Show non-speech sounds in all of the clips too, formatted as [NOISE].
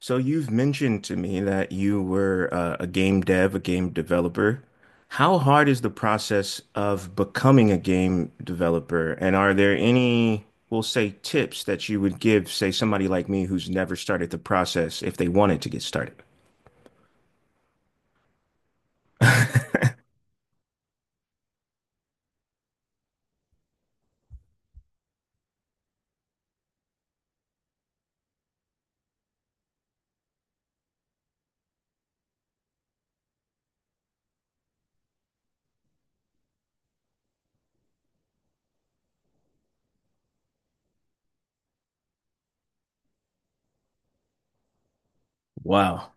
So you've mentioned to me that you were a game dev, a game developer. How hard is the process of becoming a game developer? And are there any, we'll say, tips that you would give, say, somebody like me who's never started the process if they wanted to get started? Wow.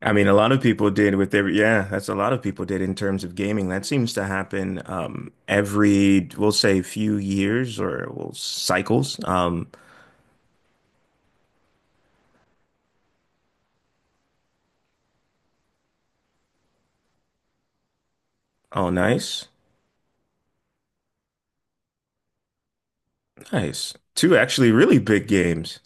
I mean, a lot of people did with their, yeah, that's a lot of people did in terms of gaming. That seems to happen every, we'll say, few years or well, cycles. Oh, nice. Nice. Two actually really big games.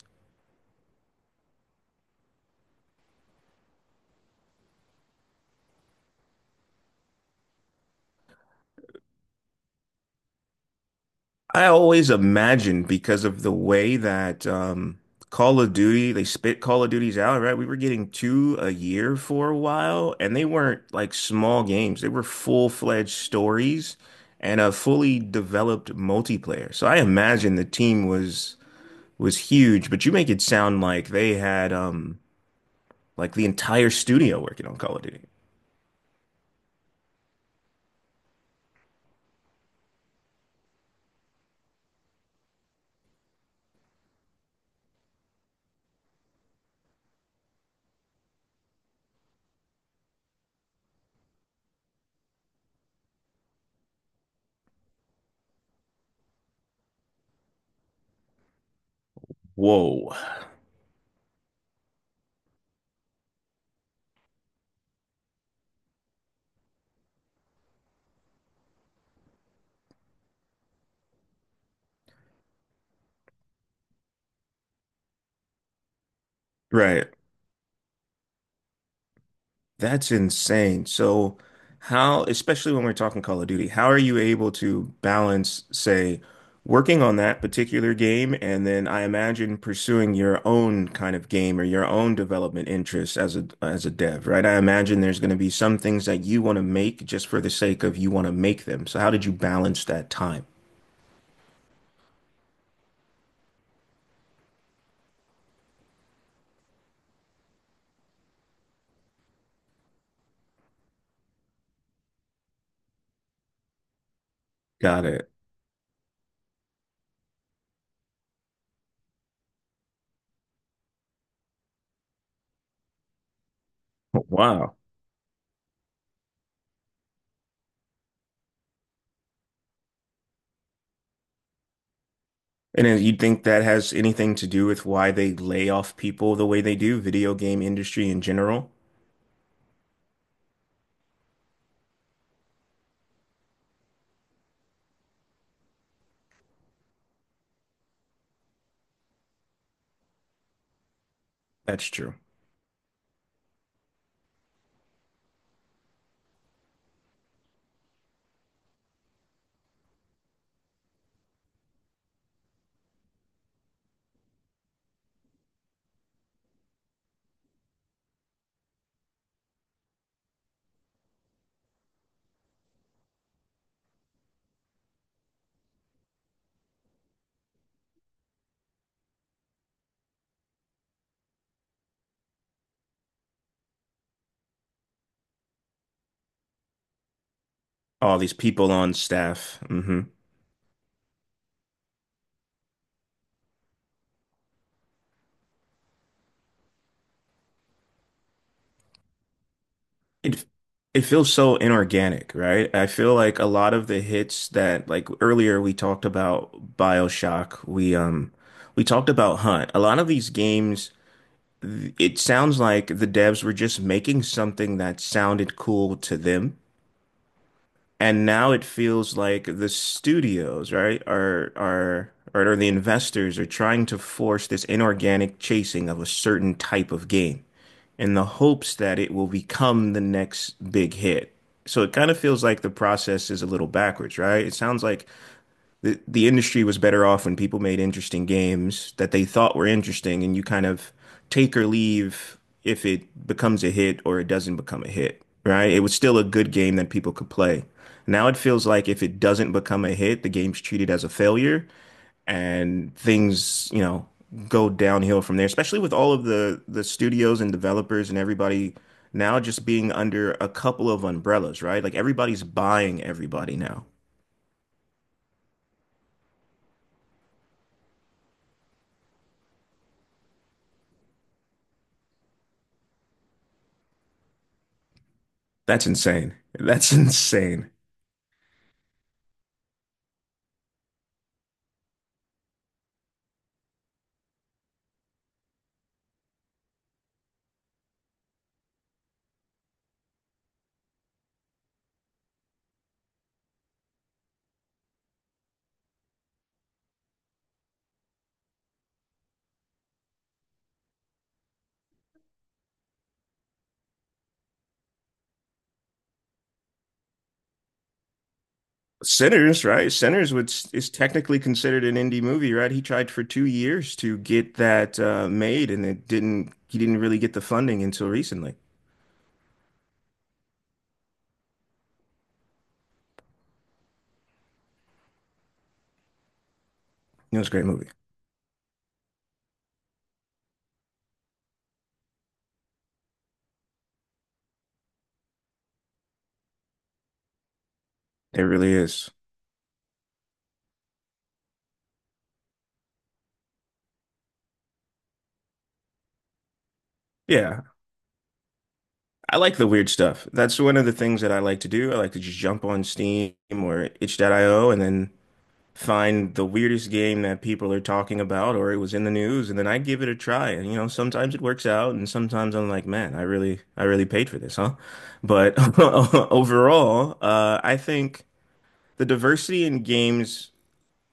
I always imagine because of the way that Call of Duty, they spit Call of Duties out, right? We were getting two a year for a while, and they weren't like small games. They were full-fledged stories and a fully developed multiplayer. So I imagine the team was huge, but you make it sound like they had like the entire studio working on Call of Duty. Whoa. Right. That's insane. So, how, especially when we're talking Call of Duty, how are you able to balance, say, working on that particular game, and then I imagine pursuing your own kind of game or your own development interests as a dev, right? I imagine there's going to be some things that you want to make just for the sake of you want to make them. So, how did you balance that time? Got it. Wow. And then you think that has anything to do with why they lay off people the way they do, video game industry in general? That's true. All these people on staff. Hmm. It it feels so inorganic, right? I feel like a lot of the hits that like earlier we talked about BioShock, we talked about Hunt. A lot of these games, it sounds like the devs were just making something that sounded cool to them. And now it feels like the studios, right, are or the investors are trying to force this inorganic chasing of a certain type of game in the hopes that it will become the next big hit. So it kind of feels like the process is a little backwards, right? It sounds like the industry was better off when people made interesting games that they thought were interesting, and you kind of take or leave if it becomes a hit or it doesn't become a hit, right? It was still a good game that people could play. Now it feels like if it doesn't become a hit, the game's treated as a failure, and things, you know, go downhill from there, especially with all of the studios and developers and everybody now just being under a couple of umbrellas, right? Like everybody's buying everybody now. That's insane. That's [LAUGHS] insane. Sinners, right? Sinners was is technically considered an indie movie, right? He tried for 2 years to get that made, and it didn't. He didn't really get the funding until recently. It was a great movie. It really is. Yeah, I like the weird stuff. That's one of the things that I like to do. I like to just jump on Steam or itch.io and then find the weirdest game that people are talking about or it was in the news, and then I give it a try, and you know sometimes it works out and sometimes I'm like, man, I really paid for this, huh? But [LAUGHS] overall, I think the diversity in games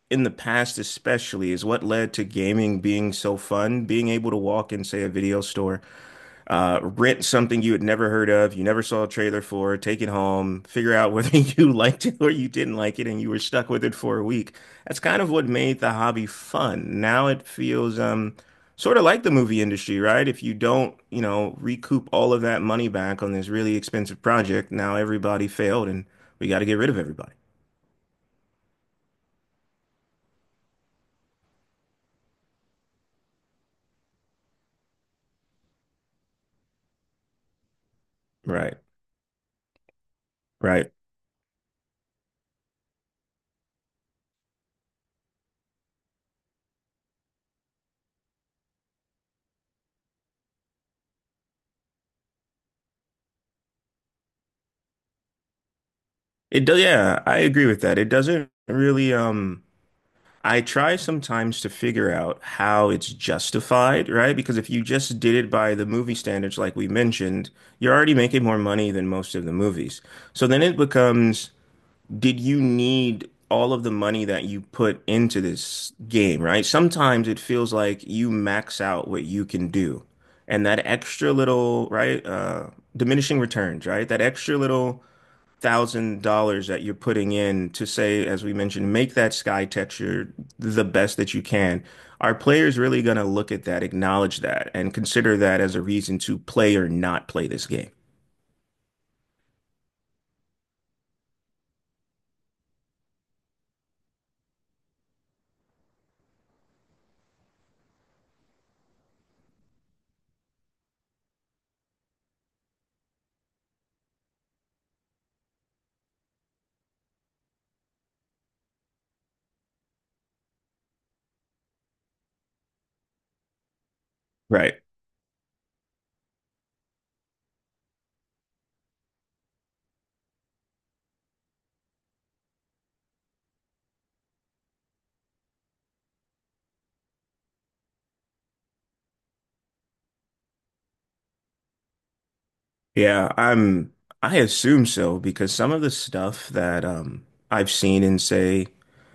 in the past especially is what led to gaming being so fun, being able to walk in, say, a video store, rent something you had never heard of, you never saw a trailer for, take it home, figure out whether [LAUGHS] you liked it or you didn't like it, and you were stuck with it for a week. That's kind of what made the hobby fun. Now it feels sort of like the movie industry, right? If you don't, you know, recoup all of that money back on this really expensive project, now everybody failed and we got to get rid of everybody. Right, right. It does. Yeah, I agree with that. It doesn't really I try sometimes to figure out how it's justified, right? Because if you just did it by the movie standards, like we mentioned, you're already making more money than most of the movies. So then it becomes, did you need all of the money that you put into this game, right? Sometimes it feels like you max out what you can do. And that extra little, right, diminishing returns, right? That extra little $1,000 that you're putting in to say, as we mentioned, make that sky texture the best that you can, are players really going to look at that, acknowledge that, and consider that as a reason to play or not play this game? Right. Yeah, I assume so because some of the stuff that I've seen in say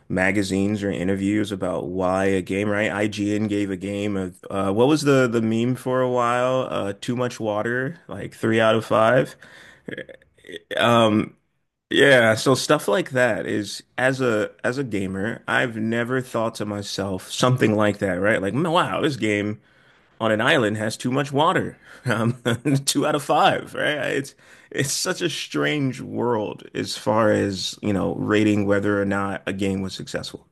magazines or interviews about why a game, right? IGN gave a game of what was the meme for a while? Too much water, like three out of five. Um Yeah, so stuff like that is as a gamer, I've never thought to myself something like that, right? Like, "Mm, wow, this game on an island has too much water. [LAUGHS] Um, [LAUGHS] two out of five," right? It's such a strange world as far as, you know, rating whether or not a game was successful.